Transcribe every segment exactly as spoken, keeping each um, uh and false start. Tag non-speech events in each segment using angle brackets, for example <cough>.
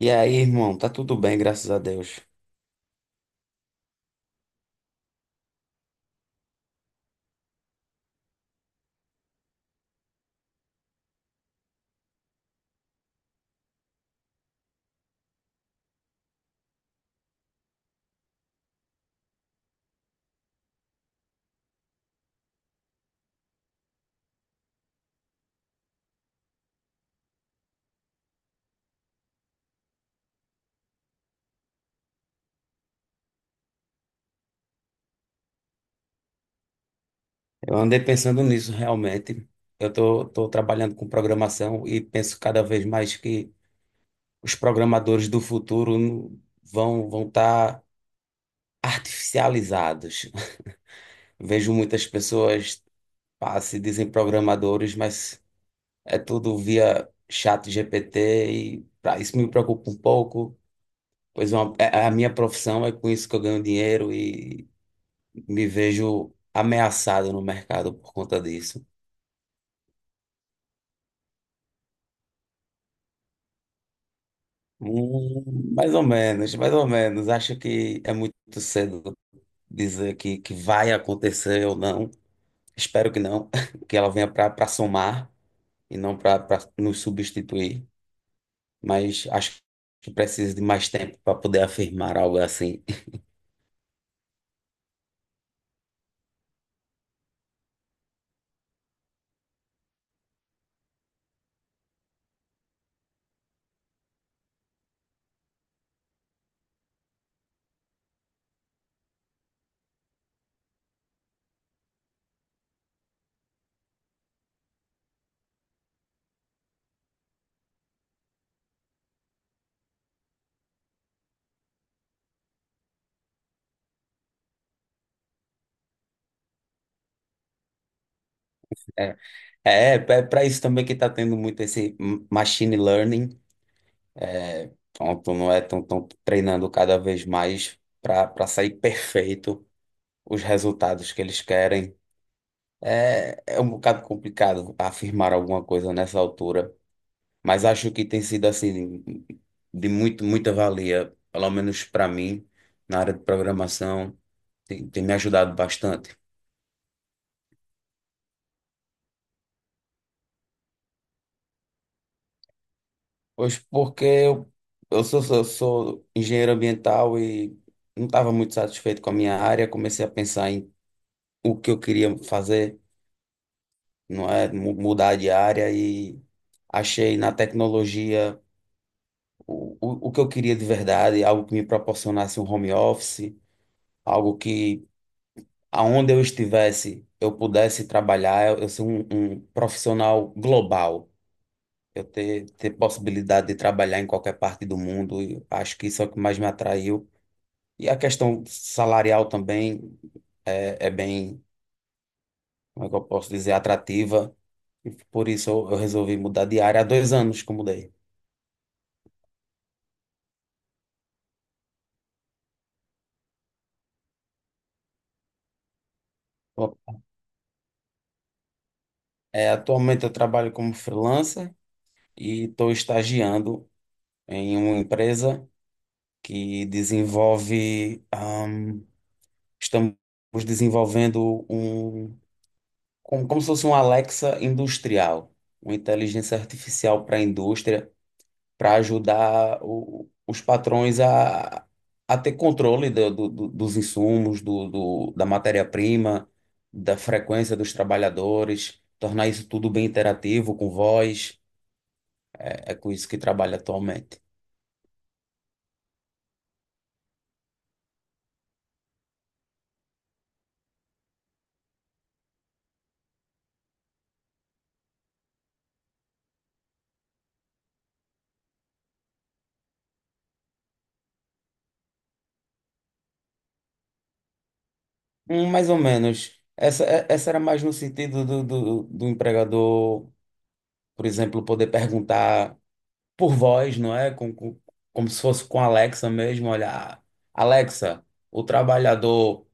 E aí, irmão, tá tudo bem, graças a Deus. Eu andei pensando nisso realmente. Eu tô, tô trabalhando com programação e penso cada vez mais que os programadores do futuro n- vão vão estar artificializados. <laughs> Vejo muitas pessoas pá, se dizem programadores, mas é tudo via chat G P T e pá, isso me preocupa um pouco, pois é uma- é- é a minha profissão é com isso que eu ganho dinheiro e me vejo ameaçado no mercado por conta disso. Hum, mais ou menos, mais ou menos. Acho que é muito cedo dizer que, que vai acontecer ou não. Espero que não, <laughs> que ela venha para somar e não para nos substituir. Mas acho que precisa de mais tempo para poder afirmar algo assim. <laughs> É, é, para isso também que está tendo muito esse m- machine learning. Pronto, não é? Estão treinando cada vez mais para para sair perfeito os resultados que eles querem. É, é um bocado complicado afirmar alguma coisa nessa altura, mas acho que tem sido assim de muito, muita valia, pelo menos para mim, na área de programação, tem, tem me ajudado bastante. Pois porque eu, eu sou, sou, sou engenheiro ambiental e não estava muito satisfeito com a minha área, comecei a pensar em o que eu queria fazer, não é? Mu- Mudar de área e achei na tecnologia. o, o o que eu queria de verdade, algo que me proporcionasse um home office, algo que aonde eu estivesse eu pudesse trabalhar, eu, eu ser um, um profissional global, eu ter, ter possibilidade de trabalhar em qualquer parte do mundo, e acho que isso é o que mais me atraiu. E a questão salarial também é, é bem, como é que eu posso dizer, atrativa, e por isso eu, eu resolvi mudar de área há dois anos que eu mudei. Bom, é, atualmente eu trabalho como freelancer e estou estagiando em uma empresa que desenvolve. Ahn, estamos desenvolvendo um, como, como se fosse um Alexa industrial, uma inteligência artificial para a indústria, para ajudar o- os patrões a, a ter controle do- do- do- dos insumos, do, do- da matéria-prima, da frequência dos trabalhadores, tornar isso tudo bem interativo, com voz. É com isso que trabalha atualmente. Hum, Mais ou menos. Essa, é- essa era mais no sentido do, do, do empregador, por exemplo, poder perguntar por voz, não é? Com, com- como se fosse com a Alexa mesmo. Olha, Alexa, o trabalhador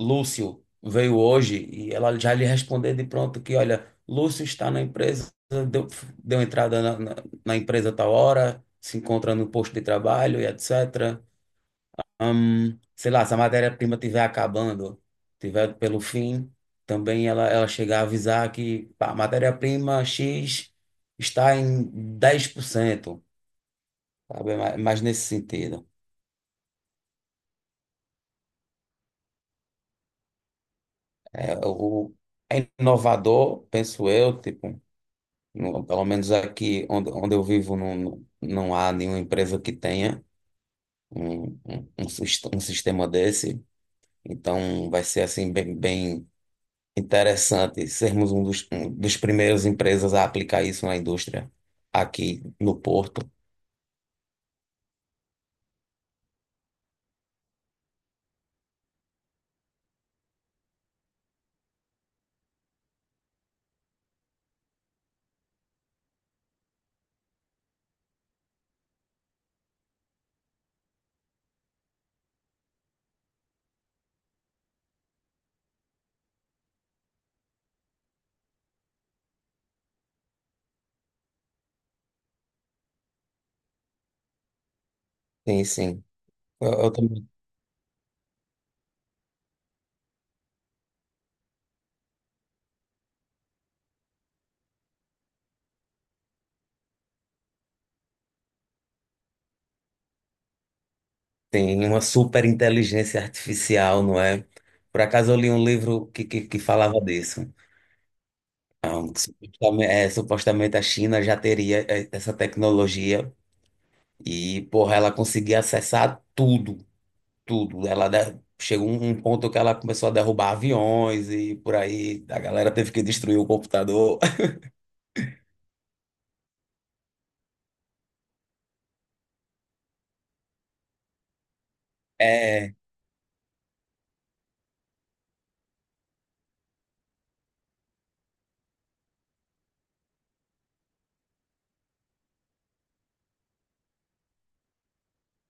Lúcio veio hoje e ela já lhe responder de pronto que, olha, Lúcio está na empresa, deu, deu entrada na, na, na empresa a tal hora, se encontra no posto de trabalho e et cetera. Hum, sei lá, se a matéria-prima estiver acabando, tiver pelo fim, também ela, ela chegar a avisar que pá, a matéria-prima X está em dez por cento, sabe? Ma- Mas nesse sentido. É, o, É inovador, penso eu, tipo, no- pelo menos aqui onde, onde eu vivo não, não não há nenhuma empresa que tenha um, um, um sis- um sistema desse. Então vai ser assim bem, bem interessante sermos um dos, um dos primeiros empresas a aplicar isso na indústria aqui no Porto. Sim, sim. Eu, eu também tenho uma super inteligência artificial, não é? Por acaso eu li um livro que, que, que falava disso. Ah, um, que supostamente, é, supostamente a China já teria é, essa tecnologia e, porra, ela conseguia acessar tudo, tudo. Ela de- chegou um um ponto que ela começou a derrubar aviões e por aí a galera teve que destruir o computador. <laughs> É,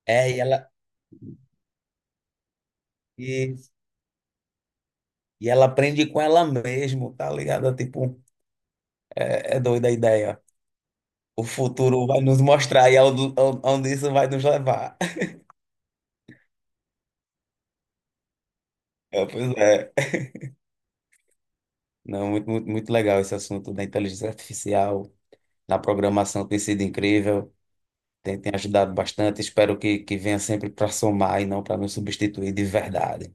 É, e ela, e, e ela aprende com ela mesmo, tá ligado? Tipo, é, é doida a ideia. O futuro vai nos mostrar e aonde aonde isso vai nos levar. <laughs> É, pois é. Não, muito, muito, muito legal esse assunto da inteligência artificial, na programação tem sido incrível, tem, tem ajudado bastante. Espero que, que venha sempre para somar e não para nos substituir de verdade.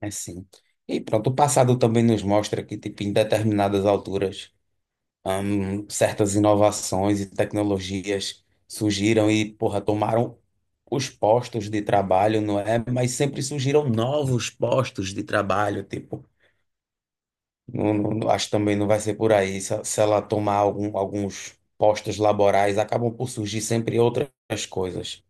É sim. E pronto, o passado também nos mostra que, tipo, em determinadas alturas. hum, certas inovações e tecnologias surgiram e, porra, tomaram os postos de trabalho, não é? Mas sempre surgiram novos postos de trabalho, tipo, não, não- não- acho que também não vai ser por aí. Se, se ela tomar algum- alguns postos laborais, acabam por surgir sempre outras coisas.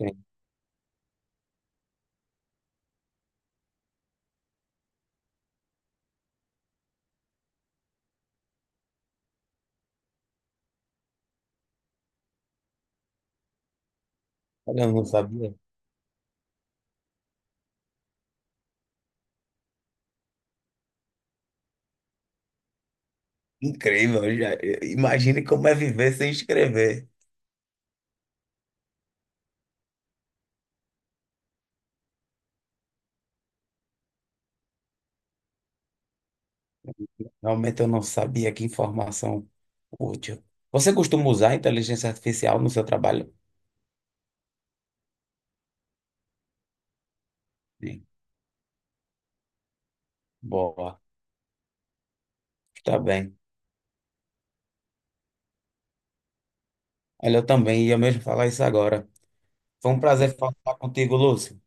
Sim. Olha, eu não sabia. Incrível, já, imagine como é viver sem escrever. Realmente eu não sabia que informação útil. Você costuma usar a inteligência artificial no seu trabalho? Sim. Boa, está bem. Olha, eu também ia mesmo falar isso agora. Foi um prazer falar contigo, Lúcio.